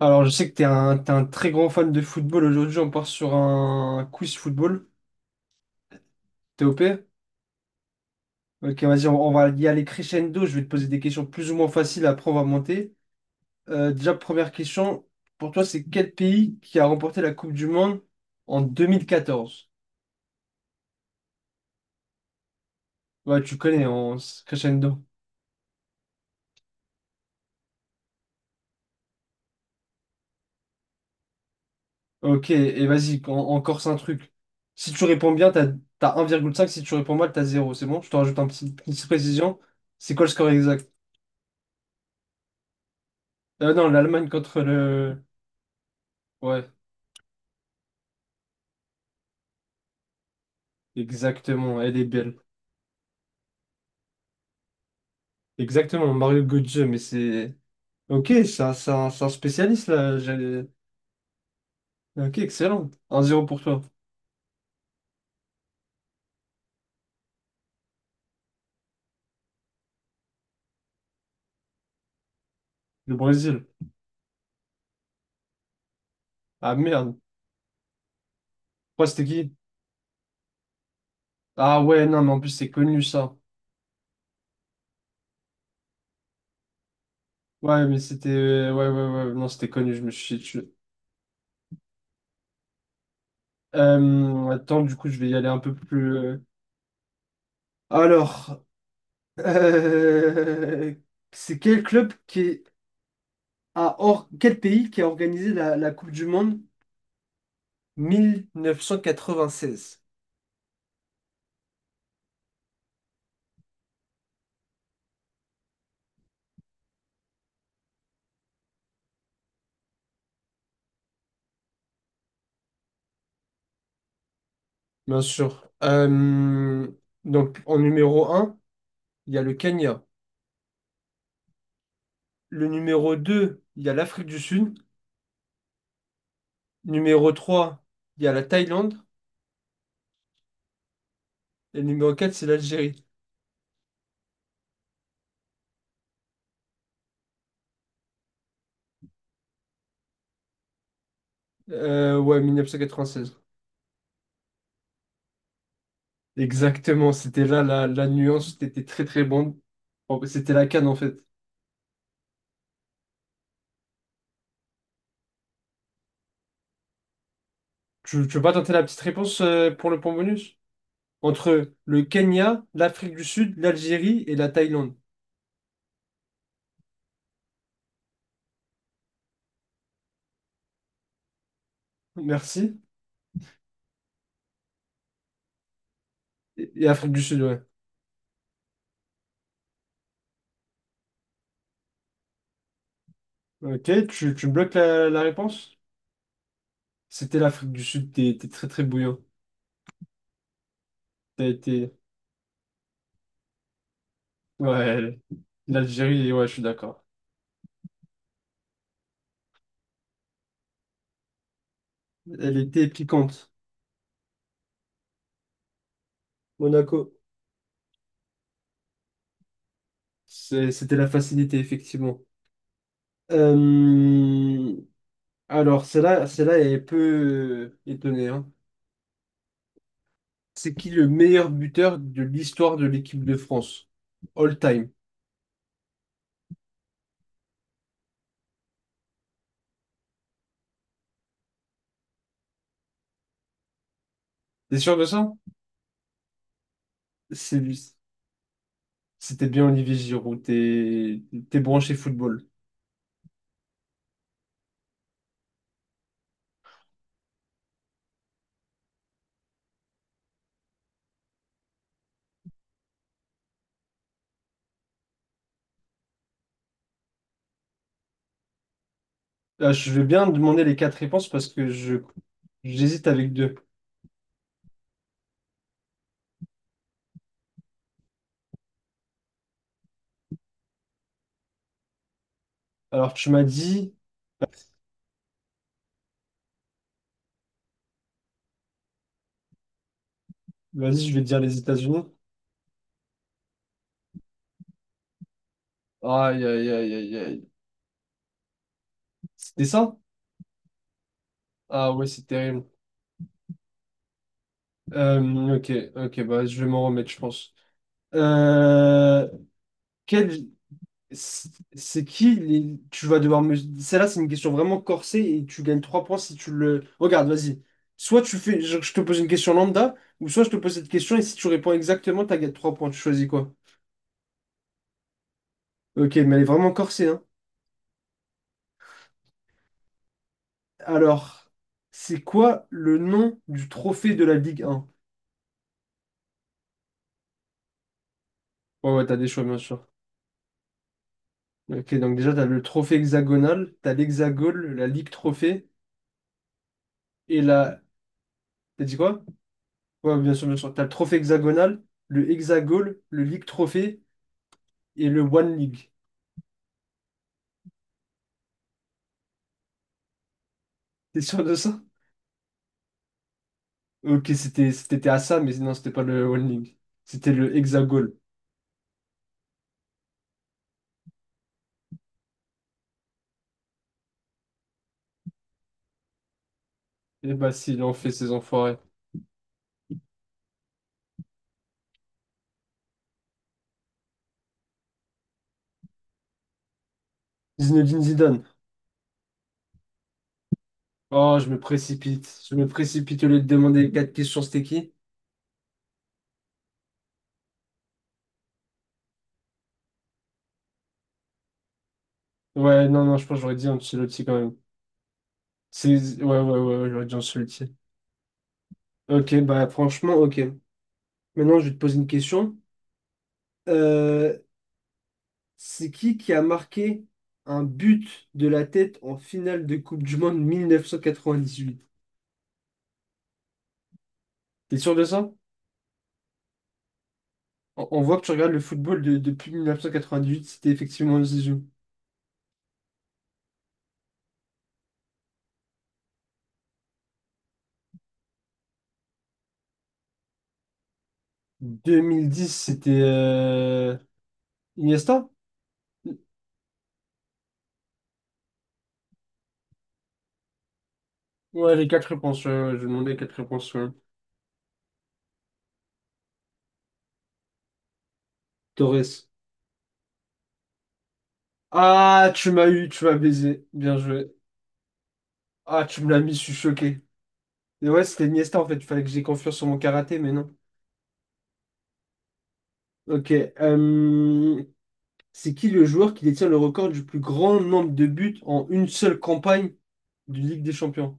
Alors, je sais que t'es un très grand fan de football. Aujourd'hui, on part sur un quiz football. T'es TOP. Ok, vas-y, on va y aller crescendo. Je vais te poser des questions plus ou moins faciles, après on va monter. Déjà, première question, pour toi, c'est quel pays qui a remporté la Coupe du Monde en 2014? Ouais, tu connais, en c'est crescendo. Ok, et vas-y, encore c'est un truc. Si tu réponds bien, t'as 1,5. Si tu réponds mal, t'as zéro. C'est bon? Je te rajoute une petite précision. C'est quoi le score exact? Non, l'Allemagne contre le... Ouais. Exactement, elle est belle. Exactement, Mario Götze. Ok, c'est un spécialiste, là. Ok, excellent. 1-0 pour toi. Le Brésil. Ah, merde. Quoi, c'était qui? Ah, ouais, non, mais en plus, c'est connu, ça. Ouais, ouais, ouais, ouais, ouais, non, c'était connu, je me suis chié dessus. Attends, du coup, je vais y aller un peu plus. Alors, euh, c'est quel club qui a... Or... Quel pays qui a organisé la Coupe du Monde 1996? Bien sûr. Donc en numéro un, il y a le Kenya. Le numéro 2, il y a l'Afrique du Sud. Numéro 3, il y a la Thaïlande. Et le numéro 4, c'est l'Algérie. Ouais, seize. Exactement, c'était là la nuance, c'était très très bon. Bon, c'était la canne en fait. Tu veux pas tenter la petite réponse, pour le point bonus? Entre le Kenya, l'Afrique du Sud, l'Algérie et la Thaïlande. Merci. Et Afrique du Sud, ouais. Ok, tu bloques la réponse? C'était l'Afrique du Sud, t'es très très bouillant. T'as été. Ouais, l'Algérie, ouais, je suis d'accord. Elle était piquante. Monaco. C'était la facilité, effectivement. Euh, Alors, celle-là est peu, étonnée, hein. C'est qui le meilleur buteur de l'histoire de l'équipe de France? All time. T'es sûr de ça? C'est lui. C'était bien Olivier Giroud. T'es branché football. Ah, je vais bien demander les quatre réponses parce que je j'hésite avec deux. Alors, tu m'as dit, vas-y, je vais te dire les États-Unis. Aïe, aïe, aïe, aïe, aïe. C'était ça? Ah ouais, c'est terrible. Ok, ok, bah, je vais m'en remettre, je pense. Euh, quel... C'est Tu vas devoir me... Celle-là, c'est une question vraiment corsée et tu gagnes trois points si tu le... Regarde, vas-y. Je te pose une question lambda, ou soit je te pose cette question et si tu réponds exactement, tu gagné trois points. Tu choisis quoi? Ok, mais elle est vraiment corsée, hein. Alors, c'est quoi le nom du trophée de la Ligue 1? Ouais, ouais, t'as des choix, bien sûr. Ok, donc déjà, t'as le trophée hexagonal, t'as l'hexagone, la Ligue Trophée, et la... T'as dit quoi? Ouais, bien sûr, bien sûr. T'as le trophée hexagonal, le hexagone, le Ligue Trophée, et le One League. T'es sûr de ça? Ok, c'était à ça, mais non, c'était pas le One League. C'était le hexagone. Eh bah, s'il en fait, ces enfoirés. Zinedine Zidane. Oh, je me précipite. Je me précipite au lieu de demander quatre questions, c'était qui? Ouais, non, non, je pense que j'aurais dit Ancelotti quand même. C'est... Ouais, ouais, ouais, ouais, j'aurais dit Ancelotti. Ok, bah franchement, ok. Maintenant, je vais te poser une question. Euh, c'est qui a marqué un but de la tête en finale de Coupe du Monde 1998? T'es sûr de ça? On voit que tu regardes le football depuis 1998, c'était effectivement Zizou. 2010, c'était Iniesta? Ouais, les quatre réponses, ouais, ouais, je demandais quatre réponses, ouais. Torres. Ah, tu m'as eu, tu m'as baisé. Bien joué. Ah, tu me l'as mis, je suis choqué. Et ouais, c'était Niesta en fait. Il fallait que j'ai confiance sur mon karaté, mais non. Ok. euh, c'est qui le joueur qui détient le record du plus grand nombre de buts en une seule campagne du Ligue des Champions?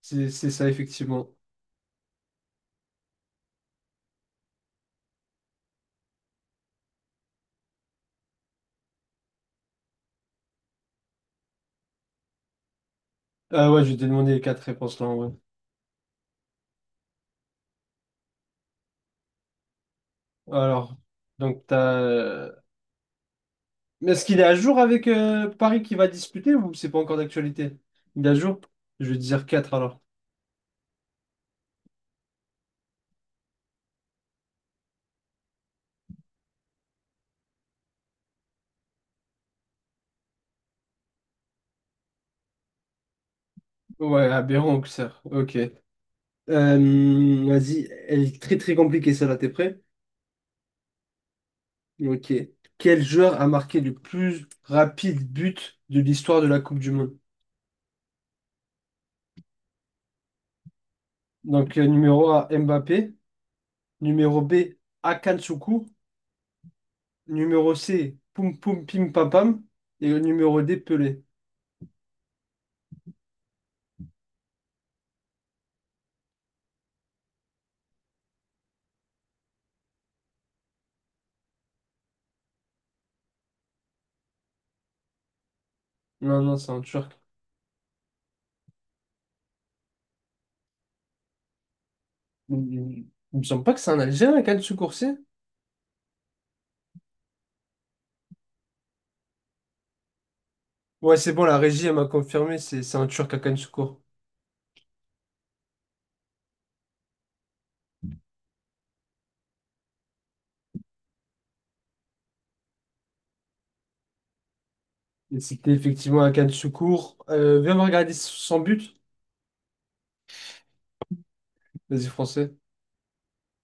C'est ça, effectivement. Ah ouais, je vais te demander les quatre réponses là, en vrai. Alors, donc t'as. Mais est-ce qu'il est à jour avec Paris qui va disputer ou c'est pas encore d'actualité? Il est à jour? Je vais te dire quatre alors. Ouais, aberrant, Auxerre. Ok. Vas-y, elle est très très compliquée celle-là, t'es prêt? Ok. Quel joueur a marqué le plus rapide but de l'histoire de la Coupe du Monde? Donc, numéro A, Mbappé. Numéro B, Akansuku. Numéro C, Poum Poum Pim Pam Pam. Et le numéro D, Pelé. Non, non, c'est un Turc. Il il- il me semble pas que c'est un Algérien, Akansuku. Ouais, c'est bon, la régie, elle m'a confirmé, c'est un Turc à Can Çukur. Et c'était effectivement à Can Çukur. Viens me regarder son but. Vas-y, français.